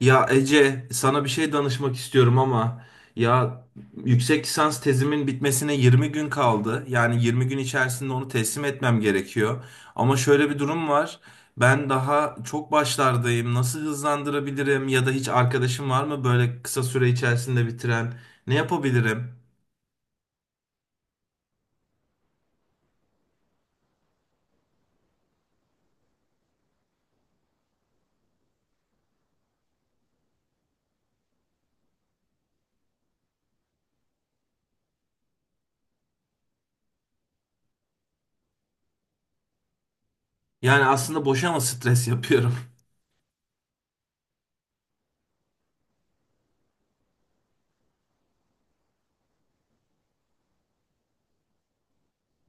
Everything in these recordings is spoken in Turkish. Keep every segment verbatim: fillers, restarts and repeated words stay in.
Ya Ece, sana bir şey danışmak istiyorum ama ya yüksek lisans tezimin bitmesine yirmi gün kaldı. Yani yirmi gün içerisinde onu teslim etmem gerekiyor. Ama şöyle bir durum var. Ben daha çok başlardayım. Nasıl hızlandırabilirim ya da hiç arkadaşım var mı böyle kısa süre içerisinde bitiren? Ne yapabilirim? Yani aslında boşa mı stres yapıyorum?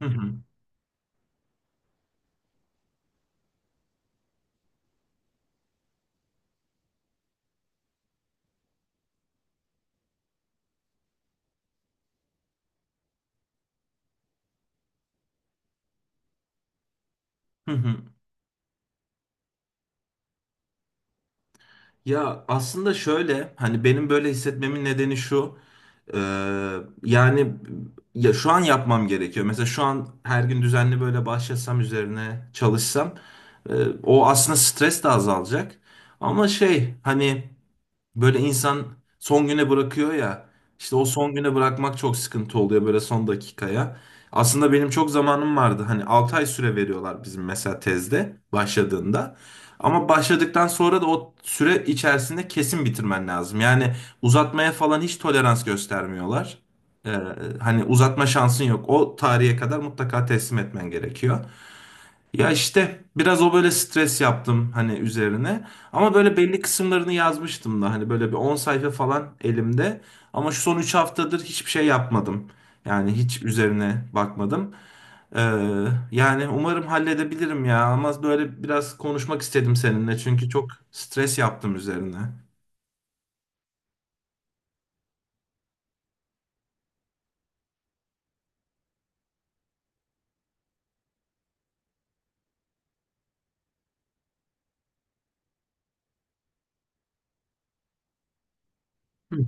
Hı hı. Hı hı. Ya aslında şöyle hani benim böyle hissetmemin nedeni şu, e, yani ya şu an yapmam gerekiyor. Mesela şu an her gün düzenli böyle başlasam üzerine çalışsam, e, o aslında stres de azalacak. Ama şey hani böyle insan son güne bırakıyor ya. İşte o son güne bırakmak çok sıkıntı oluyor, böyle son dakikaya. Aslında benim çok zamanım vardı. Hani altı ay süre veriyorlar bizim mesela tezde başladığında. Ama başladıktan sonra da o süre içerisinde kesin bitirmen lazım. Yani uzatmaya falan hiç tolerans göstermiyorlar. Ee, hani uzatma şansın yok. O tarihe kadar mutlaka teslim etmen gerekiyor. Ya işte biraz o böyle stres yaptım hani üzerine. Ama böyle belli kısımlarını yazmıştım da hani böyle bir on sayfa falan elimde. Ama şu son üç haftadır hiçbir şey yapmadım. Yani hiç üzerine bakmadım. Ee, yani umarım halledebilirim ya. Ama böyle biraz konuşmak istedim seninle çünkü çok stres yaptım üzerine. Hı.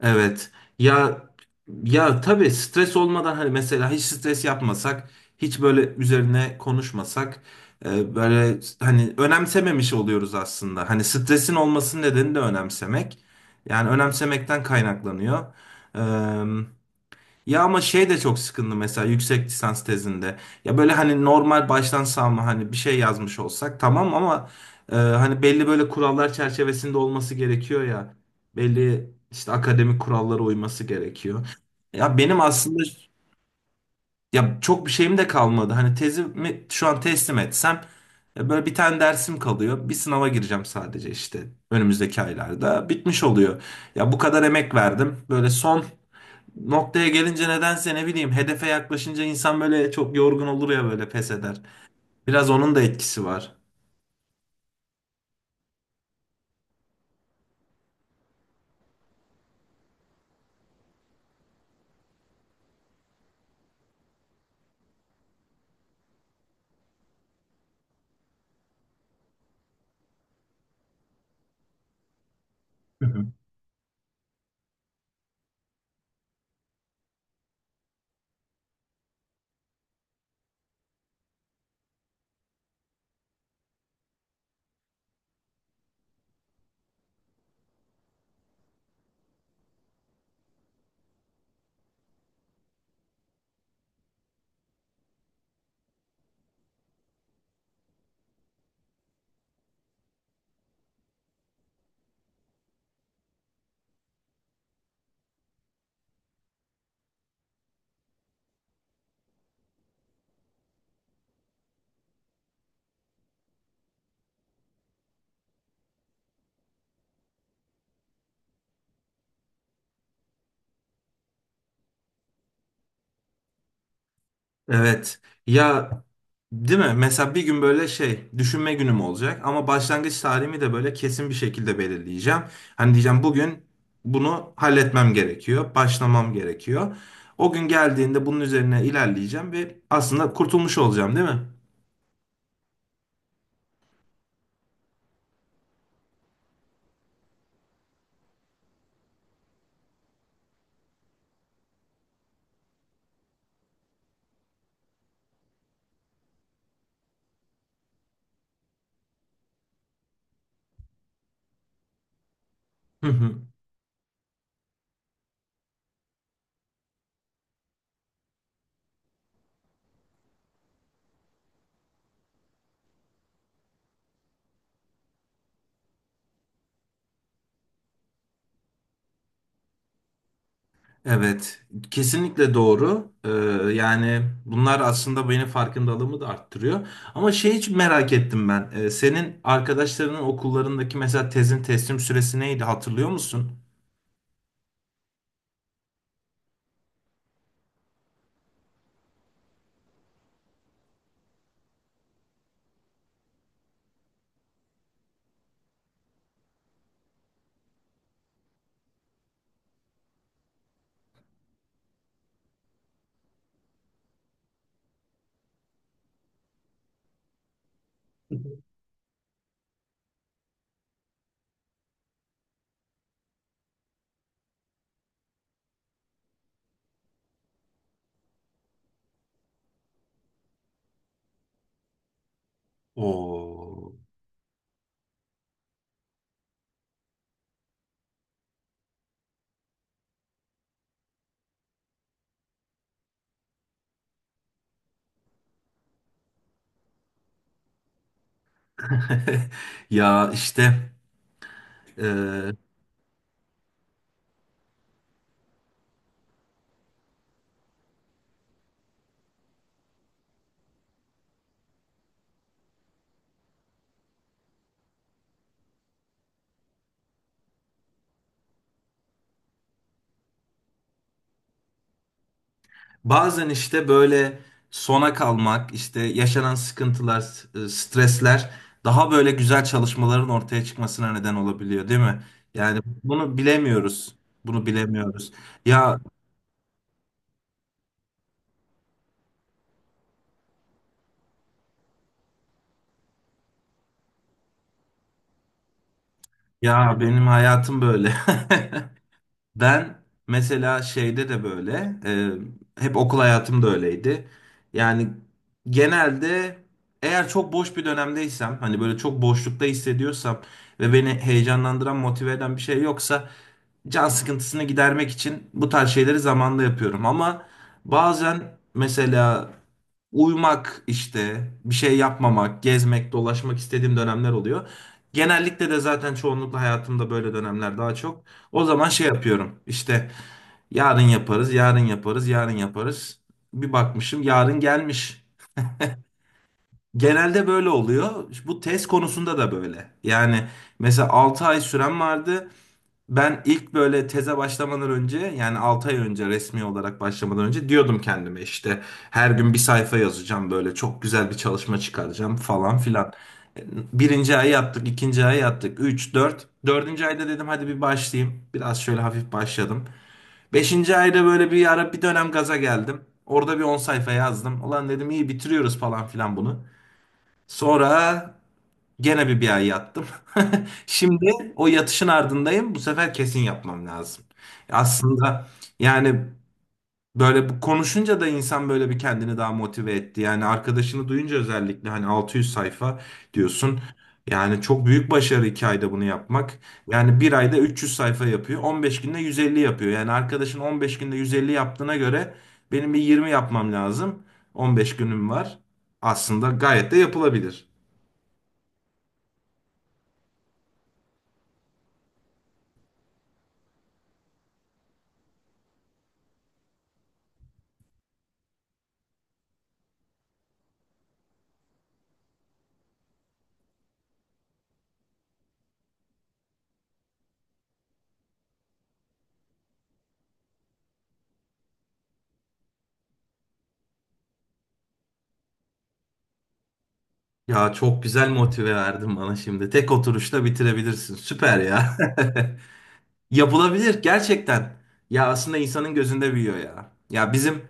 Evet. Ya ya tabii stres olmadan hani mesela hiç stres yapmasak, hiç böyle üzerine konuşmasak, e, böyle hani önemsememiş oluyoruz aslında. Hani stresin olmasının nedeni de önemsemek. Yani önemsemekten kaynaklanıyor. Ya ama şey de çok sıkıntı mesela yüksek lisans tezinde. Ya böyle hani normal baştan savma hani bir şey yazmış olsak tamam, ama e, hani belli böyle kurallar çerçevesinde olması gerekiyor ya. Belli işte akademik kurallara uyması gerekiyor. Ya benim aslında ya çok bir şeyim de kalmadı. Hani tezimi şu an teslim etsem, e, böyle bir tane dersim kalıyor. Bir sınava gireceğim sadece işte önümüzdeki aylarda. Bitmiş oluyor. Ya bu kadar emek verdim. Böyle son noktaya gelince nedense, ne bileyim, hedefe yaklaşınca insan böyle çok yorgun olur ya, böyle pes eder. Biraz onun da etkisi var. Hı hı. Evet. Ya, değil mi? Mesela bir gün böyle şey düşünme günüm olacak ama başlangıç tarihimi de böyle kesin bir şekilde belirleyeceğim. Hani diyeceğim bugün bunu halletmem gerekiyor, başlamam gerekiyor. O gün geldiğinde bunun üzerine ilerleyeceğim ve aslında kurtulmuş olacağım, değil mi? Hı hı. Evet, kesinlikle doğru. Ee, yani bunlar aslında benim farkındalığımı da arttırıyor. Ama şey, hiç merak ettim ben. Ee, senin arkadaşlarının okullarındaki mesela tezin teslim süresi neydi, hatırlıyor musun? Oo. Ya işte e, bazen işte böyle sona kalmak, işte yaşanan sıkıntılar, e, stresler daha böyle güzel çalışmaların ortaya çıkmasına neden olabiliyor, değil mi? Yani bunu bilemiyoruz. Bunu bilemiyoruz. Ya ya benim hayatım böyle. Ben mesela şeyde de böyle, e, hep okul hayatım da öyleydi. Yani genelde eğer çok boş bir dönemdeysem, hani böyle çok boşlukta hissediyorsam ve beni heyecanlandıran, motive eden bir şey yoksa can sıkıntısını gidermek için bu tarz şeyleri zamanla yapıyorum. Ama bazen mesela uyumak işte, bir şey yapmamak, gezmek, dolaşmak istediğim dönemler oluyor. Genellikle de zaten çoğunlukla hayatımda böyle dönemler daha çok. O zaman şey yapıyorum. İşte yarın yaparız, yarın yaparız, yarın yaparız. Bir bakmışım yarın gelmiş. Genelde böyle oluyor. Bu test konusunda da böyle. Yani mesela altı ay süren vardı. Ben ilk böyle teze başlamadan önce, yani altı ay önce resmi olarak başlamadan önce diyordum kendime, işte her gün bir sayfa yazacağım, böyle çok güzel bir çalışma çıkaracağım falan filan. Birinci ay yaptık, ikinci ay yaptık, üç dört dördüncü ayda dedim hadi bir başlayayım. Biraz şöyle hafif başladım. Beşinci ayda böyle bir ara bir dönem gaza geldim. Orada bir on sayfa yazdım. Ulan dedim iyi bitiriyoruz falan filan bunu. Sonra gene bir bir ay yattım. Şimdi o yatışın ardındayım. Bu sefer kesin yapmam lazım. Aslında yani böyle bu konuşunca da insan böyle bir kendini daha motive etti. Yani arkadaşını duyunca, özellikle hani altı yüz sayfa diyorsun. Yani çok büyük başarı iki ayda bunu yapmak. Yani bir ayda üç yüz sayfa yapıyor. on beş günde yüz elli yapıyor. Yani arkadaşın on beş günde yüz elli yaptığına göre benim bir yirmi yapmam lazım. on beş günüm var. Aslında gayet de yapılabilir. Ya çok güzel motive verdin bana şimdi. Tek oturuşta bitirebilirsin. Süper ya. Yapılabilir gerçekten. Ya aslında insanın gözünde büyüyor ya. Ya bizim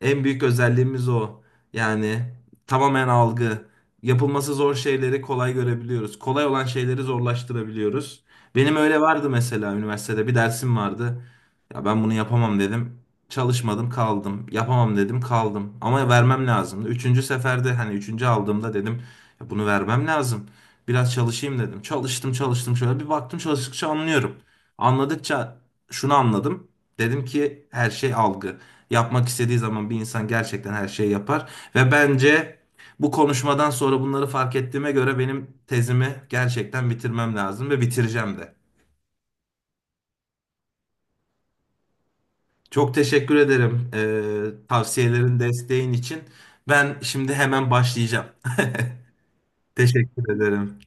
en büyük özelliğimiz o. Yani tamamen algı. Yapılması zor şeyleri kolay görebiliyoruz. Kolay olan şeyleri zorlaştırabiliyoruz. Benim öyle vardı, mesela üniversitede bir dersim vardı. Ya ben bunu yapamam dedim. Çalışmadım kaldım. Yapamam dedim, kaldım. Ama vermem lazımdı. Üçüncü seferde, hani üçüncü aldığımda dedim ya bunu vermem lazım. Biraz çalışayım dedim. Çalıştım çalıştım, şöyle bir baktım, çalıştıkça anlıyorum. Anladıkça şunu anladım. Dedim ki her şey algı. Yapmak istediği zaman bir insan gerçekten her şeyi yapar. Ve bence bu konuşmadan sonra bunları fark ettiğime göre benim tezimi gerçekten bitirmem lazım ve bitireceğim de. Çok teşekkür ederim eee, tavsiyelerin, desteğin için. Ben şimdi hemen başlayacağım. Teşekkür ederim.